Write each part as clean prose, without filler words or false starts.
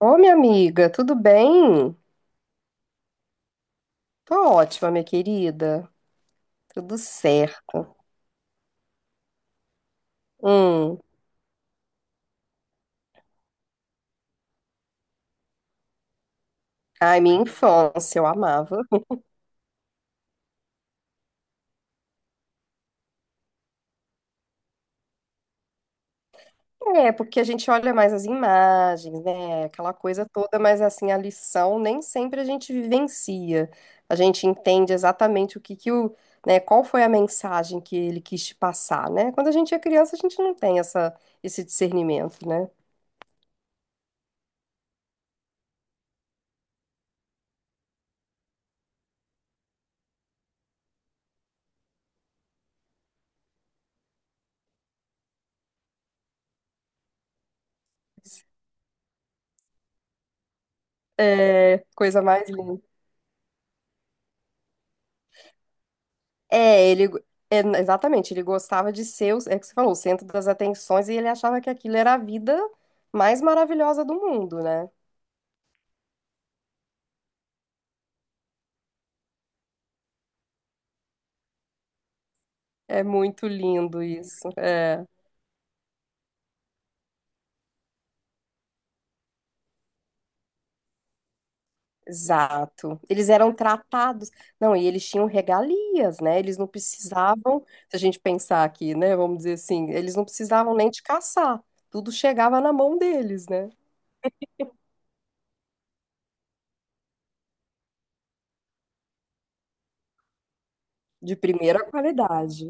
Ô, minha amiga, tudo bem? Tô ótima, minha querida. Tudo certo. Hum. Ai, minha infância, eu amava. É, porque a gente olha mais as imagens, né? Aquela coisa toda, mas assim, a lição nem sempre a gente vivencia. A gente entende exatamente o que que o, né, qual foi a mensagem que ele quis te passar, né? Quando a gente é criança, a gente não tem essa, esse discernimento, né? É, coisa mais linda. É, ele. É, exatamente, ele gostava de ser, o- é o que você falou, o centro das atenções e ele achava que aquilo era a vida mais maravilhosa do mundo, né? É muito lindo isso. É, exato. Eles eram tratados. Não, e eles tinham regalias, né? Eles não precisavam, se a gente pensar aqui, né? Vamos dizer assim, eles não precisavam nem de caçar. Tudo chegava na mão deles, né? De primeira qualidade.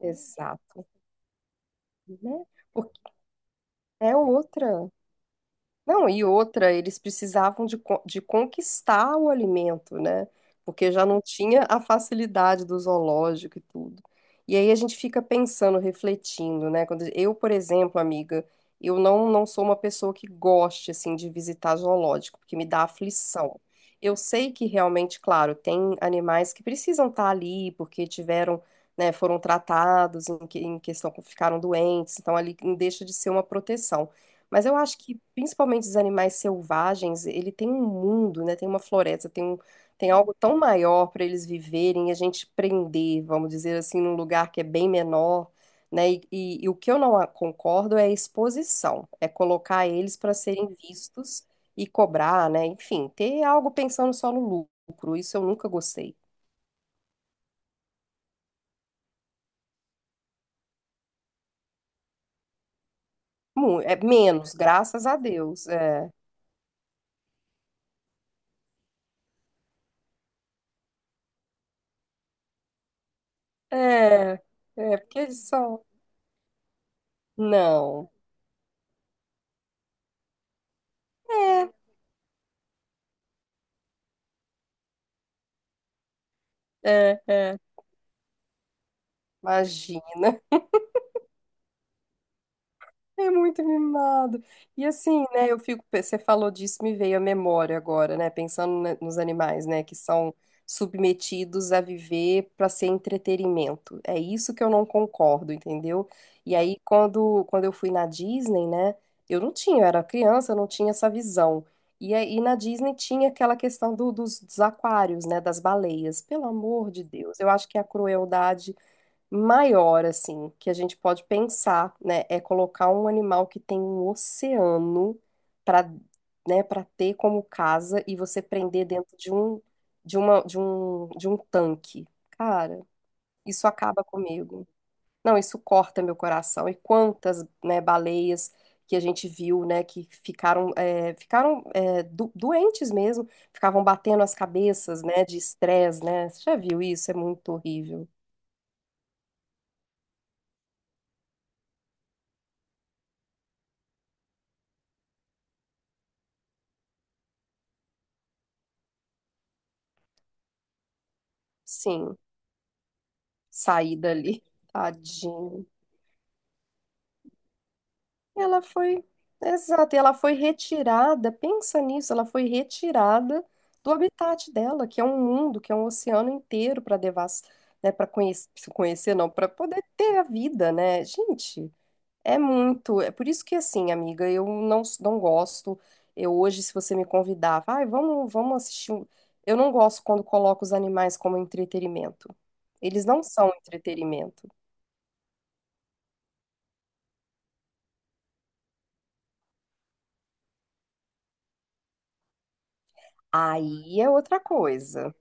Exato, né? Porque é outra. Não, e outra, eles precisavam de, co- de conquistar o alimento, né? Porque já não tinha a facilidade do zoológico e tudo. E aí a gente fica pensando, refletindo, né? Quando eu, por exemplo, amiga, eu não sou uma pessoa que goste, assim, de visitar zoológico, porque me dá aflição. Eu sei que realmente, claro, tem animais que precisam estar ali porque tiveram, né, foram tratados em, que- em questão, ficaram doentes, então ali deixa de ser uma proteção. Mas eu acho que principalmente os animais selvagens, ele tem um mundo, né? Tem uma floresta, tem um, tem algo tão maior para eles viverem e a gente prender, vamos dizer assim, num lugar que é bem menor, né? E o que eu não a- concordo é a exposição, é colocar eles para serem vistos e cobrar, né? Enfim, ter algo pensando só no lucro, isso eu nunca gostei. Mu- É menos, graças a Deus. É, é, é porque eles são. Não. É, é, é. Imagina, é muito mimado. E assim, né, eu fico, você falou disso, me veio a memória agora, né, pensando na- nos animais, né, que são submetidos a viver para ser entretenimento. É isso que eu não concordo, entendeu? E aí, quando eu fui na Disney, né, eu não tinha, eu era criança, eu não tinha essa visão. E aí, na Disney tinha aquela questão do- dos, dos aquários, né, das baleias. Pelo amor de Deus, eu acho que a crueldade maior, assim, que a gente pode pensar, né, é colocar um animal que tem um oceano para, né, para ter como casa e você prender dentro de um, de uma, de um tanque. Cara, isso acaba comigo. Não, isso corta meu coração. E quantas, né, baleias que a gente viu, né, que ficaram é, do- doentes mesmo, ficavam batendo as cabeças, né, de estresse, né? Você já viu isso? É muito horrível. Sim. Sair dali. Tadinho. Ela foi, exato, e ela foi retirada, pensa nisso, ela foi retirada do habitat dela, que é um mundo, que é um oceano inteiro para devas, né, para conhecer, conhecer não, para poder ter a vida, né? Gente, é muito, é por isso que assim, amiga, eu não gosto. Eu hoje, se você me convidar, vai, vamos, vamos assistir um... Eu não gosto quando coloco os animais como entretenimento. Eles não são entretenimento. Aí é outra coisa.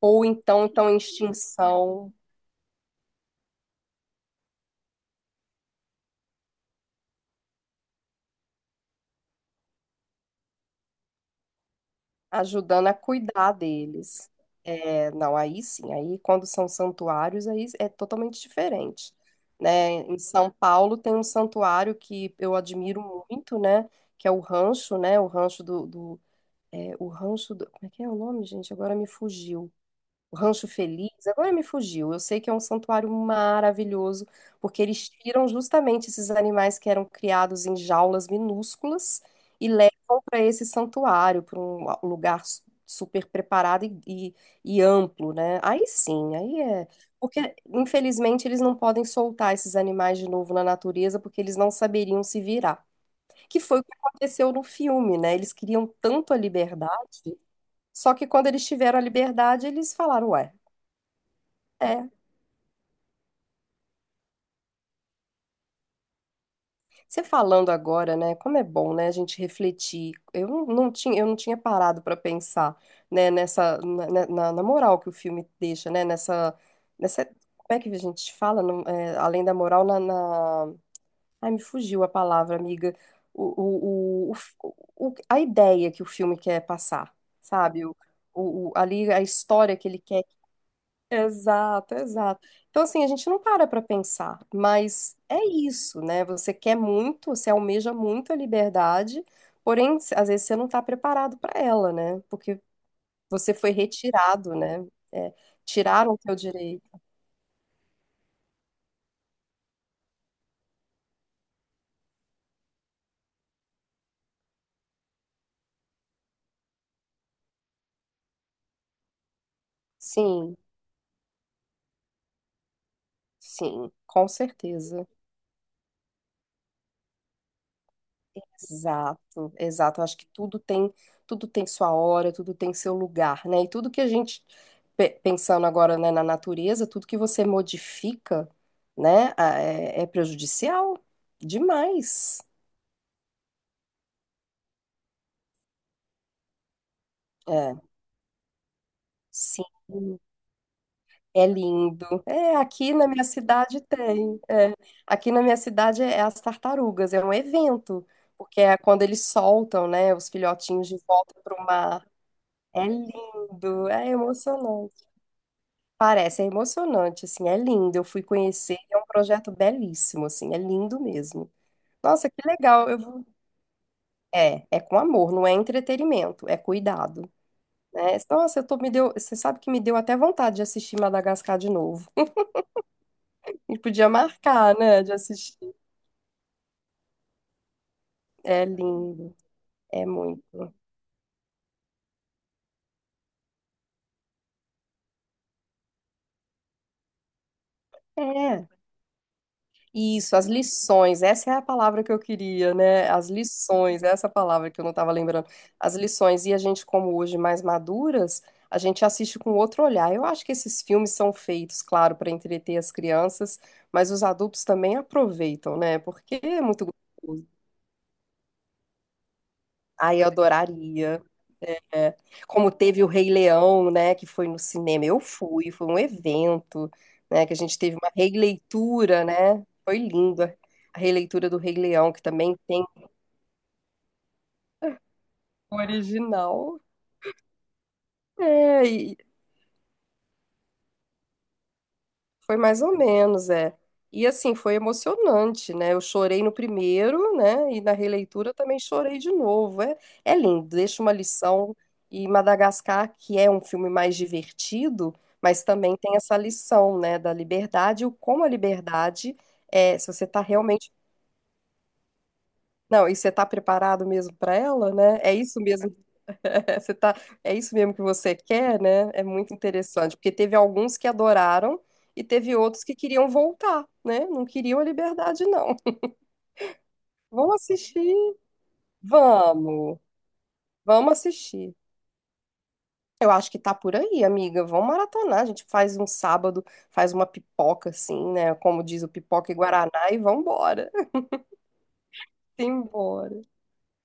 Ou então estão em extinção, ajudando a cuidar deles. É, não, aí sim, aí quando são santuários, aí é totalmente diferente, né? Em São Paulo tem um santuário que eu admiro muito, né? Que é o rancho, né? O rancho do é, o rancho do, como é que é o nome, gente? Agora me fugiu. Rancho Feliz, agora me fugiu. Eu sei que é um santuário maravilhoso, porque eles tiram justamente esses animais que eram criados em jaulas minúsculas e levam para esse santuário, para um lugar su- super preparado e amplo, né? Aí sim, aí é. Porque, infelizmente, eles não podem soltar esses animais de novo na natureza, porque eles não saberiam se virar. Que foi o que aconteceu no filme, né? Eles queriam tanto a liberdade, só que quando eles tiveram a liberdade, eles falaram, ué. É, você falando agora, né, como é bom, né, a gente refletir. Eu não tinha, eu não tinha parado para pensar, né, nessa na, na- na- na moral que o filme deixa, né, nessa nessa como é que a gente fala, não- é, além da moral na, na- ai, me fugiu a palavra, amiga. O, o, o, o- a ideia que o filme quer passar, sabe? O- ali a história que ele quer exato, exato. Então, assim, a gente não para para pensar, mas é isso, né? Você quer muito, você almeja muito a liberdade, porém, às vezes você não está preparado para ela, né? Porque você foi retirado, né? É, tiraram o teu direito. Sim, sim, com certeza. Exato, exato. Eu acho que tudo tem sua hora, tudo tem seu lugar, né? E tudo que a gente, pe- pensando agora, né, na natureza, tudo que você modifica, né, a- é, é prejudicial demais. É, sim, é lindo. É, aqui na minha cidade tem. É. Aqui na minha cidade é, as tartarugas, é um evento, porque é quando eles soltam, né, os filhotinhos de volta para o mar. É lindo, é emocionante. Parece, é emocionante, assim, é lindo. Eu fui conhecer, é um projeto belíssimo, assim, é lindo mesmo. Nossa, que legal. Eu vou... É, é com amor, não é entretenimento, é cuidado, né? Nossa, eu tô, me deu, você sabe que me deu até vontade de assistir Madagascar de novo. A gente podia marcar, né, de assistir. É lindo, é muito. É. Isso, as lições, essa é a palavra que eu queria, né? As lições, essa é palavra que eu não estava lembrando. As lições, e a gente, como hoje mais maduras, a gente assiste com outro olhar. Eu acho que esses filmes são feitos, claro, para entreter as crianças, mas os adultos também aproveitam, né? Porque é muito gostoso. Ai, eu adoraria. É. Como teve o Rei Leão, né, que foi no cinema. Eu fui, foi um evento, né, que a gente teve uma releitura, né? Foi linda a releitura do Rei Leão, que também tem o original. É, e foi mais ou menos, é. E assim, foi emocionante, né? Eu chorei no primeiro, né? E na releitura também chorei de novo. É, é lindo, deixa uma lição. E Madagascar, que é um filme mais divertido, mas também tem essa lição, né? Da liberdade, o como a liberdade é, se você tá realmente. Não, e você tá preparado mesmo para ela, né? É isso mesmo. Você tá... É isso mesmo que você quer, né? É muito interessante, porque teve alguns que adoraram e teve outros que queriam voltar, né? Não queriam a liberdade, não. Vamos assistir? Vamos, vamos assistir. Eu acho que tá por aí, amiga. Vamos maratonar. A gente faz um sábado, faz uma pipoca, assim, né? Como diz o pipoca e Guaraná, e vambora. Simbora.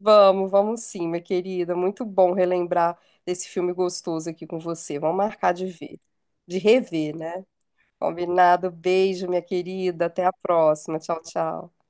Vamos sim, minha querida. Muito bom relembrar desse filme gostoso aqui com você. Vamos marcar de ver, de rever, né? Combinado. Beijo, minha querida. Até a próxima. Tchau, tchau.